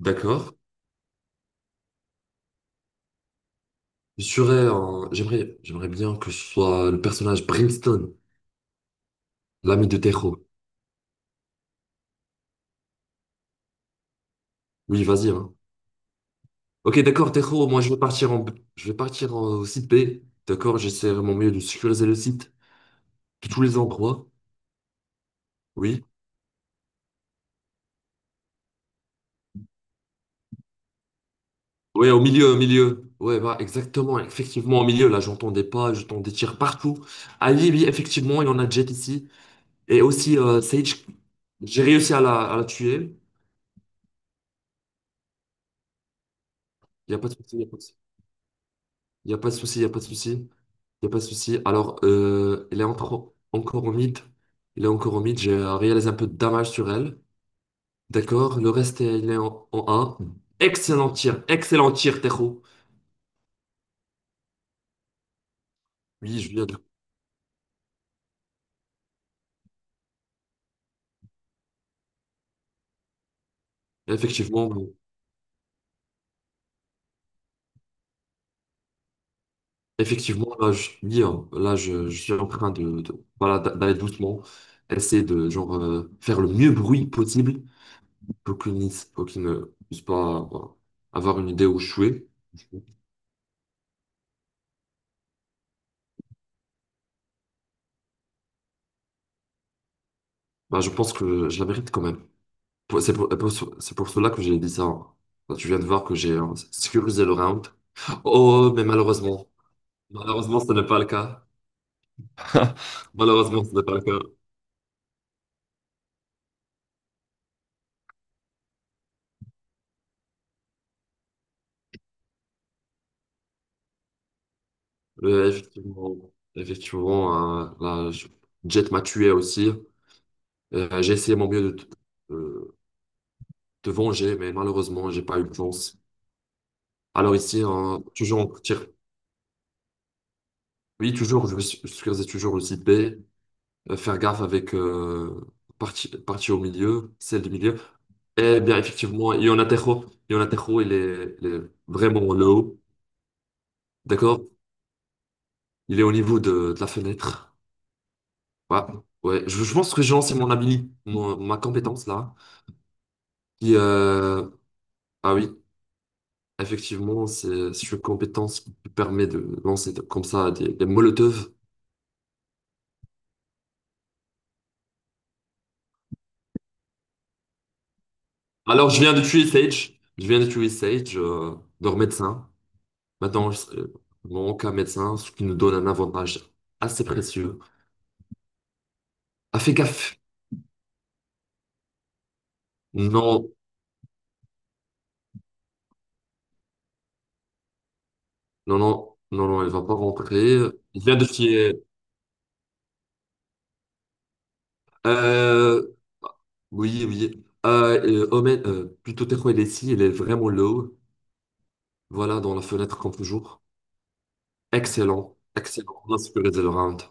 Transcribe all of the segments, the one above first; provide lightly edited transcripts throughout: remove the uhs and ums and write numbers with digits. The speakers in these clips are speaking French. D'accord. J'aimerais, j'aimerais bien que ce soit le personnage Brimstone, l'ami de Tejo. Oui, vas-y, hein. Ok, d'accord, Tejo, moi je vais partir en... Je vais partir au site B. D'accord, j'essaierai mon mieux de sécuriser le site de tous les endroits. Oui. Oui, au milieu, au milieu. Ouais, bah, exactement, effectivement, au milieu. Là, j'entends des pas, j'entends des tirs partout. Ah oui, oui, effectivement, il y en a Jet ici. Et aussi, Sage, j'ai réussi à la tuer. Il n'y a pas de souci, il y a pas de souci. Il n'y a pas de souci, il n'y a pas de souci. Il n'y a pas de souci. Alors, elle est encore au mid. Il est encore au mid. J'ai réalisé un peu de damage sur elle. D'accord. Le reste, il est en 1. Excellent tir. Excellent tir, Tejo. Oui, je viens de... Effectivement, bon, effectivement, là, je, oui, hein, là, je suis en train de voilà, d'aller doucement. Essayer de genre, faire le mieux bruit possible pour qu'il ne puisse pas voilà, avoir une idée où je suis. Bah, je pense que je la mérite quand même. C'est c'est pour cela que j'ai dit ça. Tu viens de voir que j'ai sécurisé le round. Oh, mais malheureusement, ce n'est pas le cas. Malheureusement, ce n'est pas le cas. Mais effectivement, Jet m'a tué aussi. J'ai essayé mon mieux de te euh, te venger, mais malheureusement, j'ai pas eu de chance. Alors ici, hein, toujours, on tire. Oui, toujours, je vais sécuriser toujours le site B. Faire gaffe avec partie au milieu, celle du milieu. Eh bien, effectivement, Ionatejo, Ionatejo, il est vraiment low, d'accord? Il est au niveau de la fenêtre. Ouais, ouais. Je pense que Jean, c'est mon habilité, ma compétence là. Qui, ah oui, effectivement, c'est une compétence qui permet de lancer comme ça des molotovs. Alors, je viens de tuer Sage. Je viens de tuer Sage, leur médecin. Maintenant, mon cas médecin, ce qui nous donne un avantage assez précieux. Ah, fais gaffe. Non. Non, non, non, non, elle va pas rentrer. Il vient de fier. Euh, oui, oui. Omen, plutôt Terro, elle est ici, elle est vraiment low. Voilà, dans la fenêtre, comme toujours. Excellent, excellent. On a sécurisé le round.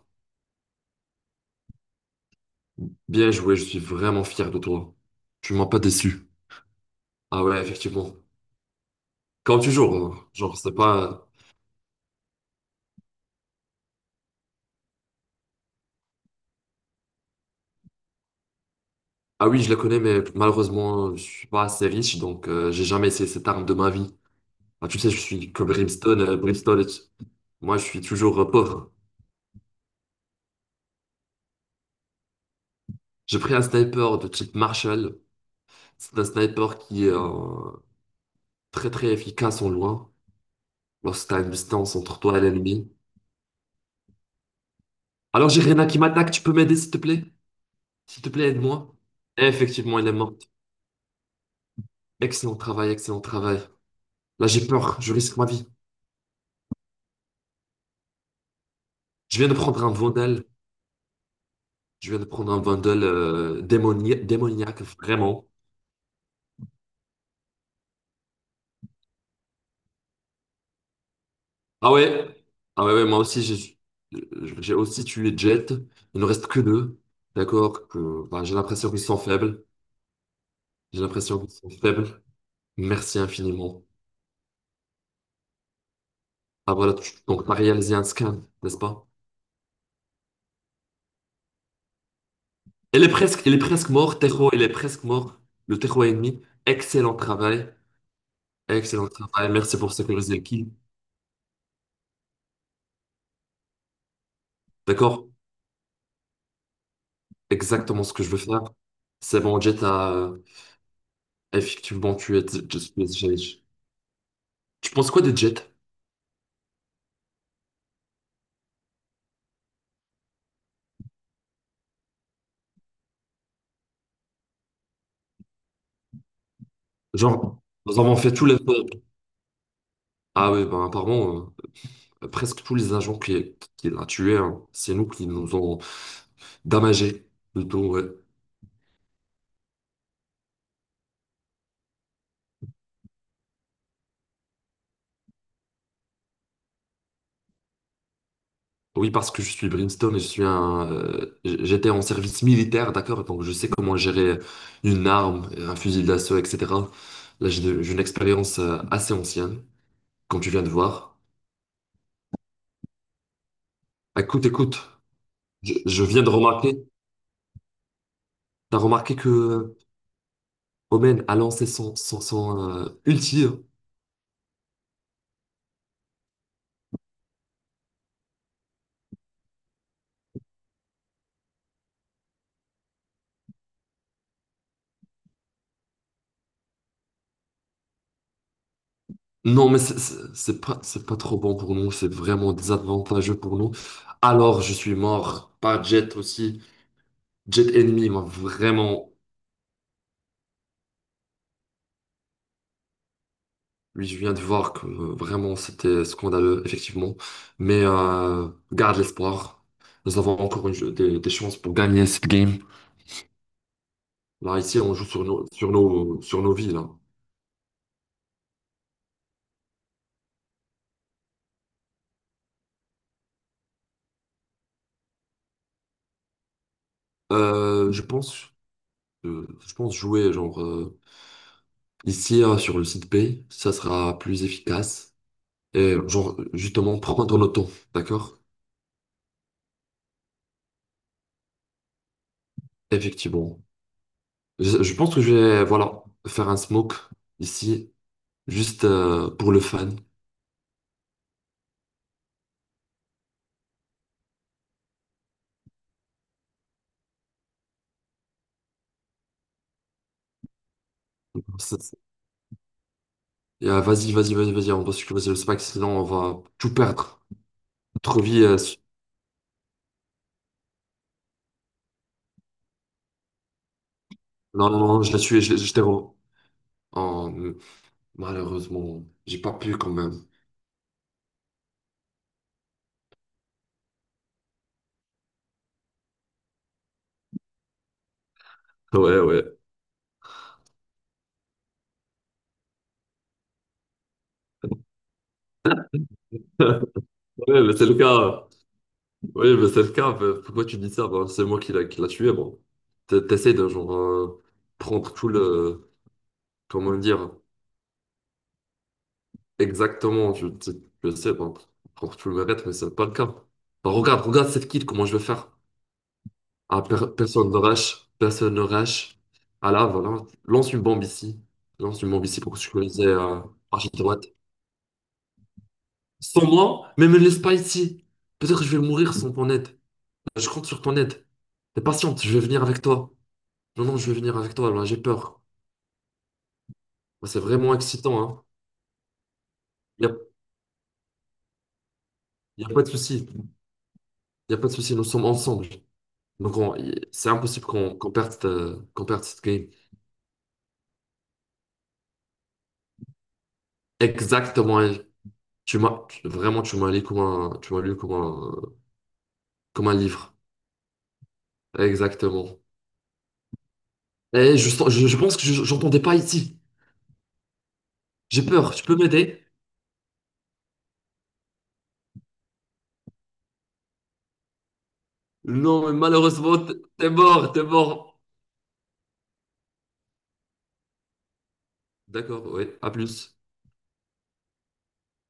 Bien joué, je suis vraiment fier de toi. Tu m'as pas déçu. Ah ouais, effectivement. Comme toujours, hein. Genre, c'est pas... Ah oui, je la connais, mais malheureusement, je suis pas assez riche, donc j'ai jamais essayé cette arme de ma vie. Ah, tu sais, je suis que Brimstone. Moi, je suis toujours pauvre. J'ai pris un sniper de type Marshall. C'est un sniper qui est très très efficace en loin, lorsque tu as une distance entre toi et l'ennemi. Alors j'ai Rena qui m'attaque, tu peux m'aider s'il te plaît? S'il te plaît, aide-moi. Et effectivement, elle est morte. Excellent travail, excellent travail. Là j'ai peur, je risque ma vie. Je viens de prendre un Vandal. Je viens de prendre un Vandal démoniaque, vraiment. Ah ouais? Ah ouais, ouais, moi aussi j'ai aussi tué Jet. Il ne reste que deux. D'accord? Que, bah, j'ai l'impression qu'ils sont faibles. J'ai l'impression qu'ils sont faibles. Merci infiniment. Ah voilà, tu- donc t'as réalisé un scan, n'est-ce pas? Il est presque mort, Tejo, il est presque mort. Le Tejo est ennemi. Excellent travail. Excellent travail. Merci pour sécuriser le kill. D'accord? Exactement ce que je veux faire. C'est bon, Jet a effectivement tué Just Blaze Challenge. Tu penses quoi des Jets? Genre, nous avons fait tout l'effort. Ah oui, ben apparemment, presque tous les agents qui l'a tué, hein, c'est nous qui nous ont damagés. Plutôt, ouais. Oui, parce que je suis Brimstone et je suis un, j'étais en service militaire, d'accord, donc je sais comment gérer une arme, un fusil d'assaut, etc. Là, j'ai une expérience assez ancienne, comme tu viens de voir. Bah, écoute, écoute, je viens de remarquer, t'as remarqué que Omen a lancé son ulti, hein. Non, mais c'est pas trop bon pour nous, c'est vraiment désavantageux pour nous. Alors, je suis mort pas Jet aussi. Jet ennemi m'a vraiment oui, je viens de voir que vraiment c'était scandaleux, effectivement. Mais garde l'espoir. Nous avons des chances pour gagner cette game. Là, ici, on joue sur nos, sur nos, sur nos vies, là. Euh, je pense, je pense jouer, genre, ici, sur le site B, ça sera plus efficace. Et, genre, justement, prendre notre temps, d'accord? Effectivement. Je pense que je vais, voilà, faire un smoke ici, juste pour le fan. Et, vas-y, vas-y, vas-y, vas-y, on va sur pas que sinon on va tout perdre. Notre vie, non, non, non, je l'ai tué, je, l'ai- je t'ai re- oh, malheureusement, j'ai pas pu quand même. Ouais, ouais. Ouais, mais c'est le cas. Oui, mais c'est le cas. Mais pourquoi tu dis ça? Ben, c'est moi qui l'a tué, bon. T'essayes de genre prendre tout le. Comment dire? Exactement, je, tu- je sais, bon, prendre tout le mérite, mais c'est pas le cas. Ben, regarde, regarde cette kid, comment je vais faire. Ah, personne ne rush, personne ne rush. Ah là, voilà, lance une bombe ici. Lance une bombe ici pour que je connaisse archi droite. Sans moi, mais me laisse pas ici. Peut-être que je vais mourir sans ton aide. Je compte sur ton aide. T'es patiente, je vais venir avec toi. Non, non, je vais venir avec toi, là, j'ai peur. Bah, c'est vraiment excitant, hein. Y a, y a pas de souci. Y a pas de souci, nous sommes ensemble. Donc, c'est impossible qu'on perde, qu'on perde cette game. Exactement, elle. Vraiment, tu m'as lu comme un livre. Exactement. Et je pense que j'entendais pas ici. J'ai peur. Tu peux m'aider? Non, mais malheureusement, t'es mort, t'es mort. D'accord, ouais, à plus.